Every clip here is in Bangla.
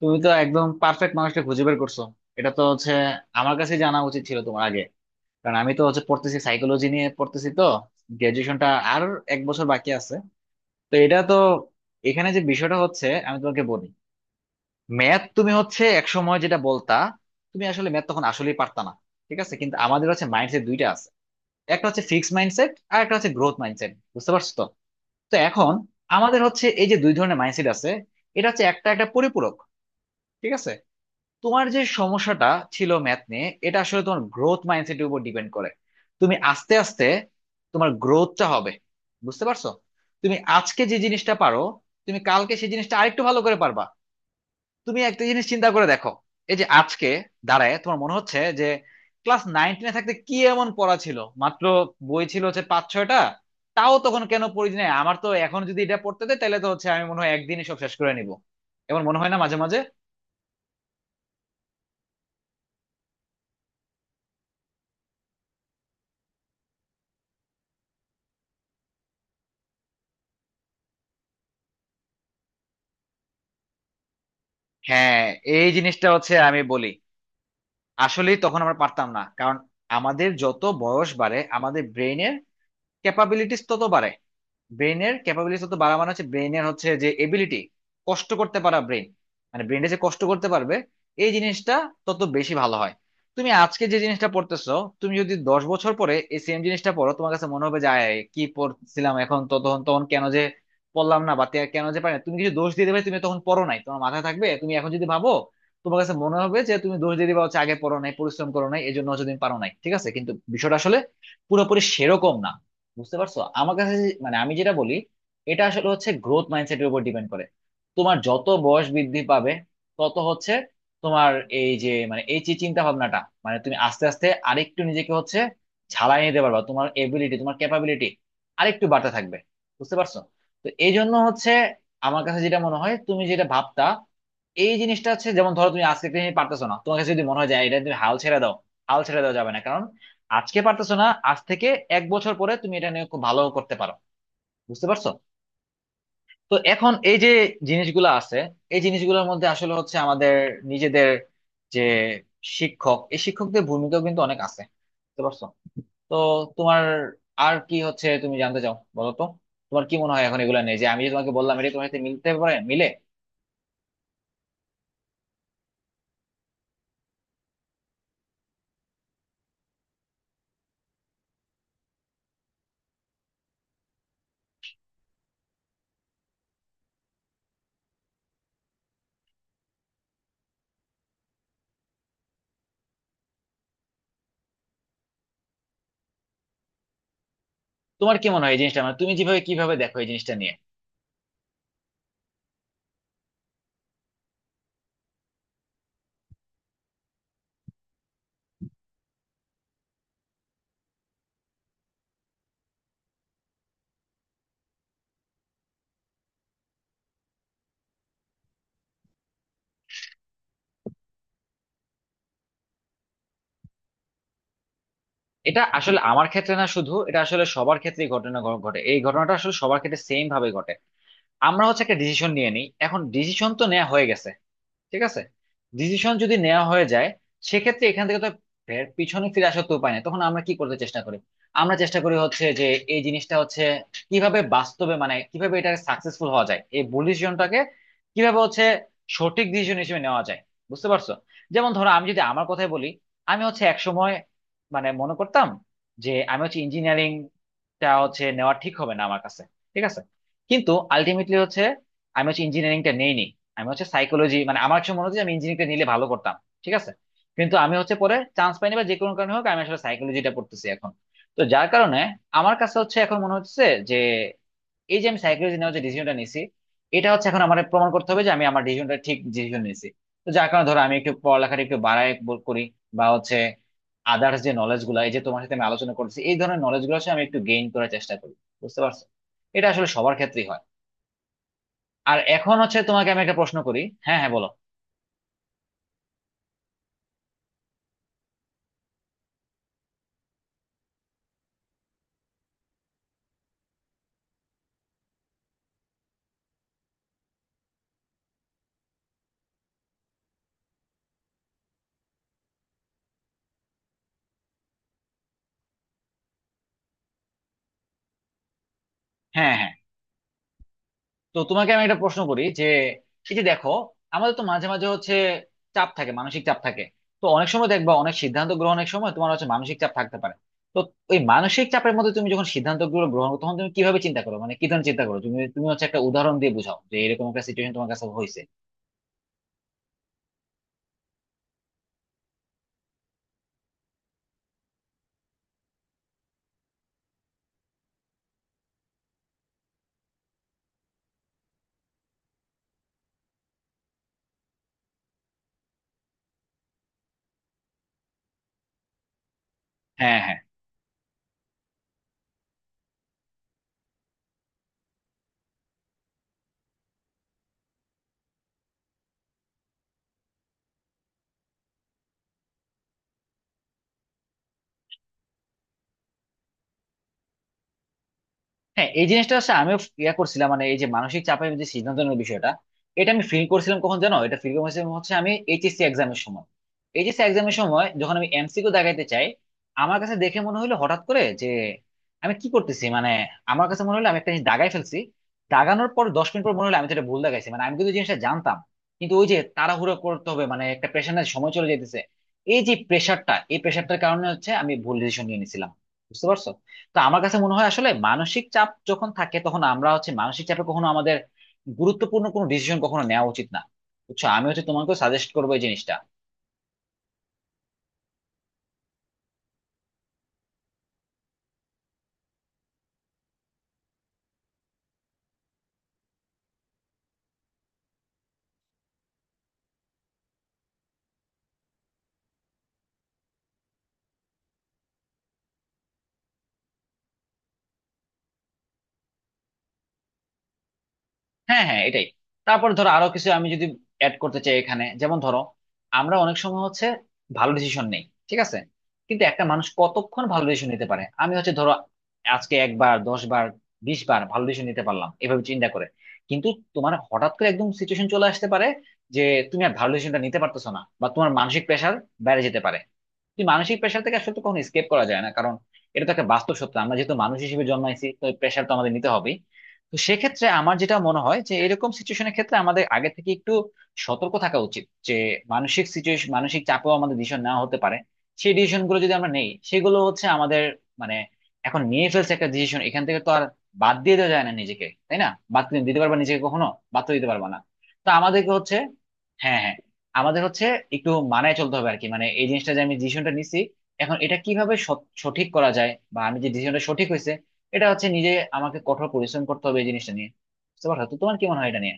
তুমি তো একদম পারফেক্ট মানুষটা খুঁজে বের করছো। এটা তো হচ্ছে আমার কাছে জানা উচিত ছিল তোমার আগে, কারণ আমি তো হচ্ছে পড়তেছি, সাইকোলজি নিয়ে পড়তেছি তো। গ্রাজুয়েশনটা আর এক বছর বাকি আছে। তো এটা তো এখানে যে বিষয়টা হচ্ছে আমি তোমাকে বলি, ম্যাথ তুমি হচ্ছে এক সময় যেটা বলতা, তুমি আসলে ম্যাথ তখন আসলেই পারতা না। ঠিক আছে, কিন্তু আমাদের হচ্ছে মাইন্ডসেট দুইটা আছে। একটা হচ্ছে ফিক্সড মাইন্ডসেট আর একটা হচ্ছে গ্রোথ মাইন্ডসেট, বুঝতে পারছো তো? তো এখন আমাদের হচ্ছে এই যে দুই ধরনের মাইন্ডসেট আছে, এটা হচ্ছে একটা একটা পরিপূরক। ঠিক আছে, তোমার যে সমস্যাটা ছিল ম্যাথ নিয়ে, এটা আসলে তোমার গ্রোথ মাইন্ডসেটের উপর ডিপেন্ড করে। তুমি আস্তে আস্তে তোমার গ্রোথটা হবে, বুঝতে পারছো? তুমি আজকে যে জিনিসটা পারো তুমি কালকে সেই জিনিসটা আরেকটু ভালো করে পারবা। তুমি একটা জিনিস চিন্তা করে দেখো, এই যে আজকে দাঁড়ায় তোমার মনে হচ্ছে যে ক্লাস নাইন টেনে থাকতে কি এমন পড়া ছিল, মাত্র বই ছিল হচ্ছে পাঁচ ছয়টা। তাও তখন কেন পড়ি নাই, আমার তো এখন যদি এটা পড়তে দেয় তাহলে তো হচ্ছে আমি মনে হয় একদিনই সব শেষ করে নিব, এমন মনে হয় না মাঝে মাঝে? হ্যাঁ, এই জিনিসটা হচ্ছে আমি বলি, আসলে তখন আমরা পারতাম না, কারণ আমাদের যত বয়স বাড়ে আমাদের ব্রেনের ক্যাপাবিলিটিস তত বাড়ে। ব্রেনের ক্যাপাবিলিটি যত বাড়া মানে হচ্ছে ব্রেনের হচ্ছে যে এবিলিটি, কষ্ট করতে পারা ব্রেন, মানে ব্রেনে যে কষ্ট করতে পারবে এই জিনিসটা তত বেশি ভালো হয়। তুমি আজকে যে জিনিসটা পড়তেছো, তুমি যদি 10 বছর পরে এই সেম জিনিসটা পড়ো তোমার কাছে মনে হবে যে আয়, আয়, কি পড়ছিলাম, এখন তো তখন তখন কেন যে পড়লাম না বা কেন যে পারি না, তুমি কিছু দোষ দিয়ে দেবে, তুমি তখন পড়ো নাই তোমার মাথায় থাকবে। তুমি এখন যদি ভাবো তোমার কাছে মনে হবে যে তুমি দোষ দিয়ে দিবা হচ্ছে আগে পড়ো নাই পরিশ্রম করো নাই এই জন্য হচ্ছে তুমি পারো নাই। ঠিক আছে, কিন্তু বিষয়টা আসলে পুরোপুরি সেরকম না, বুঝতে পারছো? আমার কাছে মানে আমি যেটা বলি, এটা আসলে হচ্ছে গ্রোথ মাইন্ডসেটের উপর ডিপেন্ড করে। তোমার যত বয়স বৃদ্ধি পাবে তত হচ্ছে তোমার এই যে মানে এই যে চিন্তা ভাবনাটা, মানে তুমি আস্তে আস্তে আরেকটু নিজেকে হচ্ছে ঝালাই নিতে পারবা, তোমার এবিলিটি তোমার ক্যাপাবিলিটি আরেকটু বাড়তে থাকবে, বুঝতে পারছো? তো এই জন্য হচ্ছে আমার কাছে যেটা মনে হয় তুমি যেটা ভাবতা, এই জিনিসটা হচ্ছে যেমন ধরো তুমি আজকে একটা জিনিস পারতেছো না, তোমার কাছে যদি মনে হয় যায় এটা তুমি হাল ছেড়ে দাও, হাল ছেড়ে দেওয়া যাবে না। আজকে পারতেছো না, আজ থেকে এক বছর পরে তুমি এটা নিয়ে খুব ভালো করতে পারো, বুঝতে পারছো? তো এখন এই যে জিনিসগুলো আছে, এই জিনিসগুলোর মধ্যে আসলে হচ্ছে আমাদের নিজেদের, যে শিক্ষক, এই শিক্ষকদের ভূমিকাও কিন্তু অনেক আছে, বুঝতে পারছো? তো তোমার আর কি হচ্ছে তুমি জানতে চাও বলো তো? তোমার কি মনে হয় এখন এগুলো নিয়ে, যে আমি যে তোমাকে বললাম এটা তোমার সাথে মিলতে পারে, মিলে? তোমার কি মনে হয় এই জিনিসটা, মানে তুমি যেভাবে কিভাবে দেখো এই জিনিসটা নিয়ে? এটা আসলে আমার ক্ষেত্রে না শুধু, এটা আসলে সবার ক্ষেত্রেই ঘটনা ঘটে, এই ঘটনাটা আসলে সবার ক্ষেত্রে সেম ভাবে ঘটে। আমরা হচ্ছে একটা ডিসিশন নিয়ে নিই, এখন ডিসিশন তো নেওয়া হয়ে গেছে, ঠিক আছে। ডিসিশন যদি নেওয়া হয়ে যায়, সেক্ষেত্রে এখান থেকে তো ফের পিছনে ফিরে আসার তো উপায় নেই, তখন আমরা কি করতে চেষ্টা করি, আমরা চেষ্টা করি হচ্ছে যে এই জিনিসটা হচ্ছে কিভাবে বাস্তবে, মানে কিভাবে এটা সাকসেসফুল হওয়া যায়, এই ভুল ডিসিশনটাকে কিভাবে হচ্ছে সঠিক ডিসিশন হিসেবে নেওয়া যায়, বুঝতে পারছো? যেমন ধরো আমি যদি আমার কথাই বলি, আমি হচ্ছে একসময় মানে মনে করতাম যে আমি হচ্ছে ইঞ্জিনিয়ারিংটা হচ্ছে নেওয়া ঠিক হবে না আমার কাছে, ঠিক আছে। কিন্তু আলটিমেটলি হচ্ছে আমি হচ্ছে ইঞ্জিনিয়ারিংটা নেইনি, আমি হচ্ছে সাইকোলজি, মানে আমার কাছে মনে হচ্ছে যে আমি ইঞ্জিনিয়ারিং নিলে ভালো করতাম, ঠিক আছে, কিন্তু আমি হচ্ছে পরে চান্স পাইনি বা যে কোনো কারণে হোক আমি আসলে সাইকোলজিটা পড়তেছি এখন। তো যার কারণে আমার কাছে হচ্ছে এখন মনে হচ্ছে যে এই যে আমি সাইকোলজি নেওয়ার যে ডিসিশনটা নিছি, এটা হচ্ছে এখন আমার প্রমাণ করতে হবে যে আমি আমার ডিসিশনটা ঠিক ডিসিশন নিয়েছি। তো যার কারণে ধরো আমি একটু পড়ালেখাটা একটু বাড়ায় করি, বা হচ্ছে আদার্স যে নলেজ গুলা, এই যে তোমার সাথে আমি আলোচনা করছি এই ধরনের নলেজ গুলো হচ্ছে আমি একটু গেইন করার চেষ্টা করি, বুঝতে পারছো? এটা আসলে সবার ক্ষেত্রেই হয়। আর এখন হচ্ছে তোমাকে আমি একটা প্রশ্ন করি। হ্যাঁ হ্যাঁ বলো। হ্যাঁ হ্যাঁ, তো তোমাকে আমি একটা প্রশ্ন করি যে এই যে দেখো, আমাদের তো মাঝে মাঝে হচ্ছে চাপ থাকে, মানসিক চাপ থাকে। তো অনেক সময় দেখবা অনেক সিদ্ধান্ত গ্রহণের সময় তোমার হচ্ছে মানসিক চাপ থাকতে পারে। তো ওই মানসিক চাপের মধ্যে তুমি যখন সিদ্ধান্ত গুলো গ্রহণ করো, তখন তুমি কিভাবে চিন্তা করো, মানে কি ধরনের চিন্তা করো তুমি, তুমি হচ্ছে একটা উদাহরণ দিয়ে বোঝাও যে এরকম একটা সিচুয়েশন তোমার কাছে হয়েছে। হ্যাঁ হ্যাঁ হ্যাঁ, এই জিনিসটা হচ্ছে আমিও ইয়া করছিলাম, মানে এই যে মানসিক চাপের যে সিদ্ধান্ত নেওয়ার বিষয়টা, এটা আমি ফিল করছিলাম কখন জানো, এটা ফিল করছিলাম হচ্ছে আমি এইচএসসি এক্সামের সময়। এইচএসসি এক্সামের সময় যখন আমি এমসিকিউ দাগাইতে চাই, আমার কাছে দেখে মনে হলো হঠাৎ করে যে আমি কি করতেছি, মানে আমার কাছে মনে হলো আমি একটা জিনিস দাগাই ফেলছি। দাগানোর পর 10 মিনিট পর মনে হলো আমি তো এটা ভুল দাগাইছি, মানে আমি কিন্তু জিনিসটা জানতাম, কিন্তু ওই যে তাড়াহুড়ো করতে হবে, মানে একটা প্রেশারের সময় চলে যেতেছে, এই যে প্রেশারটা, এই প্রেশারটার কারণে হচ্ছে আমি ভুল ডিসিশন নিয়ে নিছিলাম, বুঝতে পারছো? তো আমার কাছে মনে হয় আসলে মানসিক চাপ যখন থাকে তখন আমরা হচ্ছে, মানসিক চাপে কখনো আমাদের গুরুত্বপূর্ণ কোনো ডিসিশন কখনো নেওয়া উচিত না। বুঝছো, আমি হচ্ছে তোমাকে সাজেস্ট করবো এই জিনিসটা। হ্যাঁ হ্যাঁ এটাই। তারপর ধরো আরো কিছু আমি যদি অ্যাড করতে চাই এখানে, যেমন ধরো আমরা অনেক সময় হচ্ছে ভালো ডিসিশন নেই, ঠিক আছে, কিন্তু একটা মানুষ কতক্ষণ ভালো ডিসিশন নিতে পারে? আমি হচ্ছে ধরো আজকে একবার 10 বার 20 বার ভালো ডিসিশন নিতে পারলাম এভাবে চিন্তা করে, কিন্তু তোমার হঠাৎ করে একদম সিচুয়েশন চলে আসতে পারে যে তুমি আর ভালো ডিসিশনটা নিতে পারতেছো না বা তোমার মানসিক প্রেশার বেড়ে যেতে পারে। কিন্তু মানসিক প্রেশার থেকে আসলে তো কখনো স্কেপ করা যায় না, কারণ এটা তো একটা বাস্তব সত্য, আমরা যেহেতু মানুষ হিসেবে জন্মাইছি তো প্রেশার তো আমাদের নিতে হবেই। তো সেক্ষেত্রে আমার যেটা মনে হয় যে এরকম সিচুয়েশনের ক্ষেত্রে আমাদের আগে থেকে একটু সতর্ক থাকা উচিত যে মানসিক সিচুয়েশন, মানসিক চাপেও আমাদের ডিসিশন নেওয়া হতে পারে। সেই ডিসিশন গুলো যদি আমরা নেই সেগুলো হচ্ছে আমাদের মানে এখন নিয়ে ফেলছে একটা ডিসিশন, এখান থেকে তো আর বাদ দিয়ে দেওয়া যায় না নিজেকে, তাই না? বাদ দিতে পারবা নিজেকে কখনো? বাদ তো দিতে পারবা না। তো আমাদেরকে হচ্ছে, হ্যাঁ হ্যাঁ, আমাদের হচ্ছে একটু মানায় চলতে হবে আর কি, মানে এই জিনিসটা যে আমি ডিসিশনটা নিছি এখন এটা কিভাবে সঠিক করা যায় বা আমি যে ডিসিশনটা সঠিক হয়েছে, এটা হচ্ছে নিজে আমাকে কঠোর পরিশ্রম করতে হবে এই জিনিসটা নিয়ে, বুঝতে পারছো? তো তোমার কি মনে হয় এটা নিয়ে?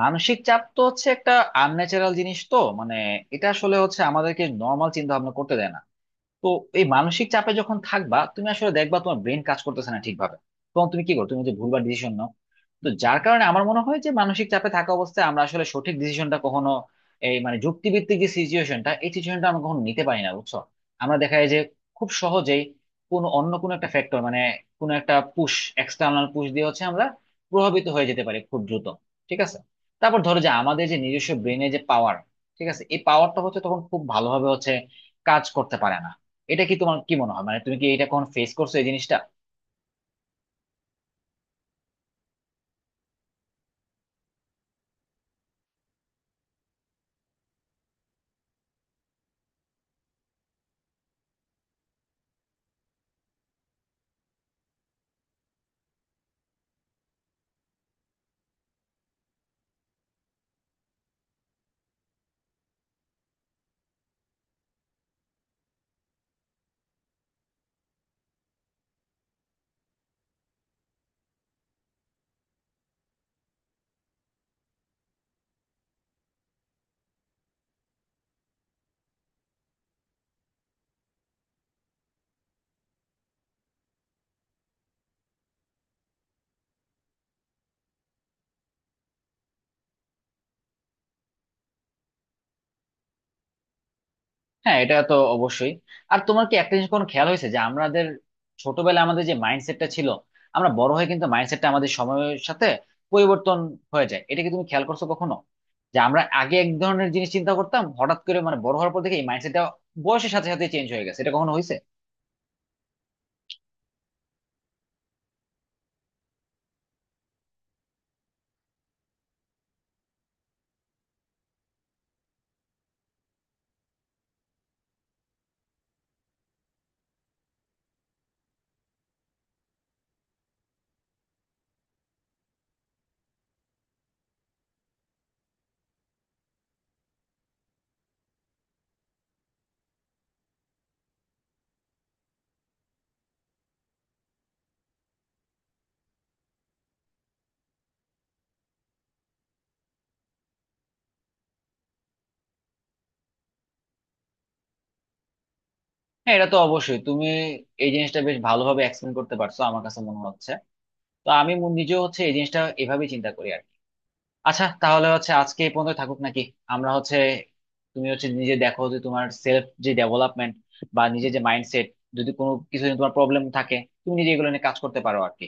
মানসিক চাপ তো হচ্ছে একটা আনন্যাচারাল জিনিস তো, মানে এটা আসলে হচ্ছে আমাদেরকে নর্মাল চিন্তা ভাবনা করতে দেয় না। তো এই মানসিক চাপে যখন থাকবা, তুমি আসলে দেখবা তোমার ব্রেন কাজ করতেছে না ঠিকভাবে, তখন তুমি কি করো, তুমি যে ভুলবার ডিসিশন। তো যার কারণে আমার মনে হয় যে মানসিক চাপে থাকা অবস্থায় আমরা আসলে সঠিক ডিসিশনটা কখনো, এই মানে যুক্তিভিত্তিক যে সিচুয়েশনটা এই সিচুয়েশনটা আমরা কখনো নিতে পারি না, বুঝছো? আমরা দেখা যায় যে খুব সহজেই কোনো অন্য কোনো একটা ফ্যাক্টর, মানে কোনো একটা পুশ, এক্সটার্নাল পুশ দিয়ে হচ্ছে আমরা প্রভাবিত হয়ে যেতে পারি খুব দ্রুত, ঠিক আছে। তারপর ধরো যে আমাদের যে নিজস্ব ব্রেনে যে পাওয়ার, ঠিক আছে, এই পাওয়ারটা হচ্ছে তখন খুব ভালোভাবে হচ্ছে কাজ করতে পারে না। এটা কি তোমার কি মনে হয়, মানে তুমি কি এটা কখন ফেস করছো এই জিনিসটা? হ্যাঁ এটা তো অবশ্যই। আর তোমার কি একটা জিনিস কোনো খেয়াল হয়েছে যে আমাদের ছোটবেলায় আমাদের যে মাইন্ডসেটটা ছিল, আমরা বড় হয়ে কিন্তু মাইন্ডসেটটা আমাদের সময়ের সাথে পরিবর্তন হয়ে যায়, এটা কি তুমি খেয়াল করছো কখনো, যে আমরা আগে এক ধরনের জিনিস চিন্তা করতাম, হঠাৎ করে মানে বড় হওয়ার পর থেকে এই মাইন্ডসেটটা বয়সের সাথে সাথে চেঞ্জ হয়ে গেছে, এটা কখনো হয়েছে? হ্যাঁ এটা তো অবশ্যই, তুমি এই জিনিসটা বেশ ভালোভাবে এক্সপ্লেন করতে পারছো আমার কাছে মনে হচ্ছে। তো আমি নিজেও হচ্ছে এই জিনিসটা এভাবেই চিন্তা করি আর কি। আচ্ছা, তাহলে হচ্ছে আজকে এই পর্যন্ত থাকুক নাকি? আমরা হচ্ছে, তুমি হচ্ছে নিজে দেখো যে তোমার সেলফ যে ডেভেলপমেন্ট বা নিজের যে মাইন্ডসেট, যদি কোনো কিছু নিয়ে তোমার প্রবলেম থাকে তুমি নিজে এগুলো নিয়ে কাজ করতে পারো আর কি।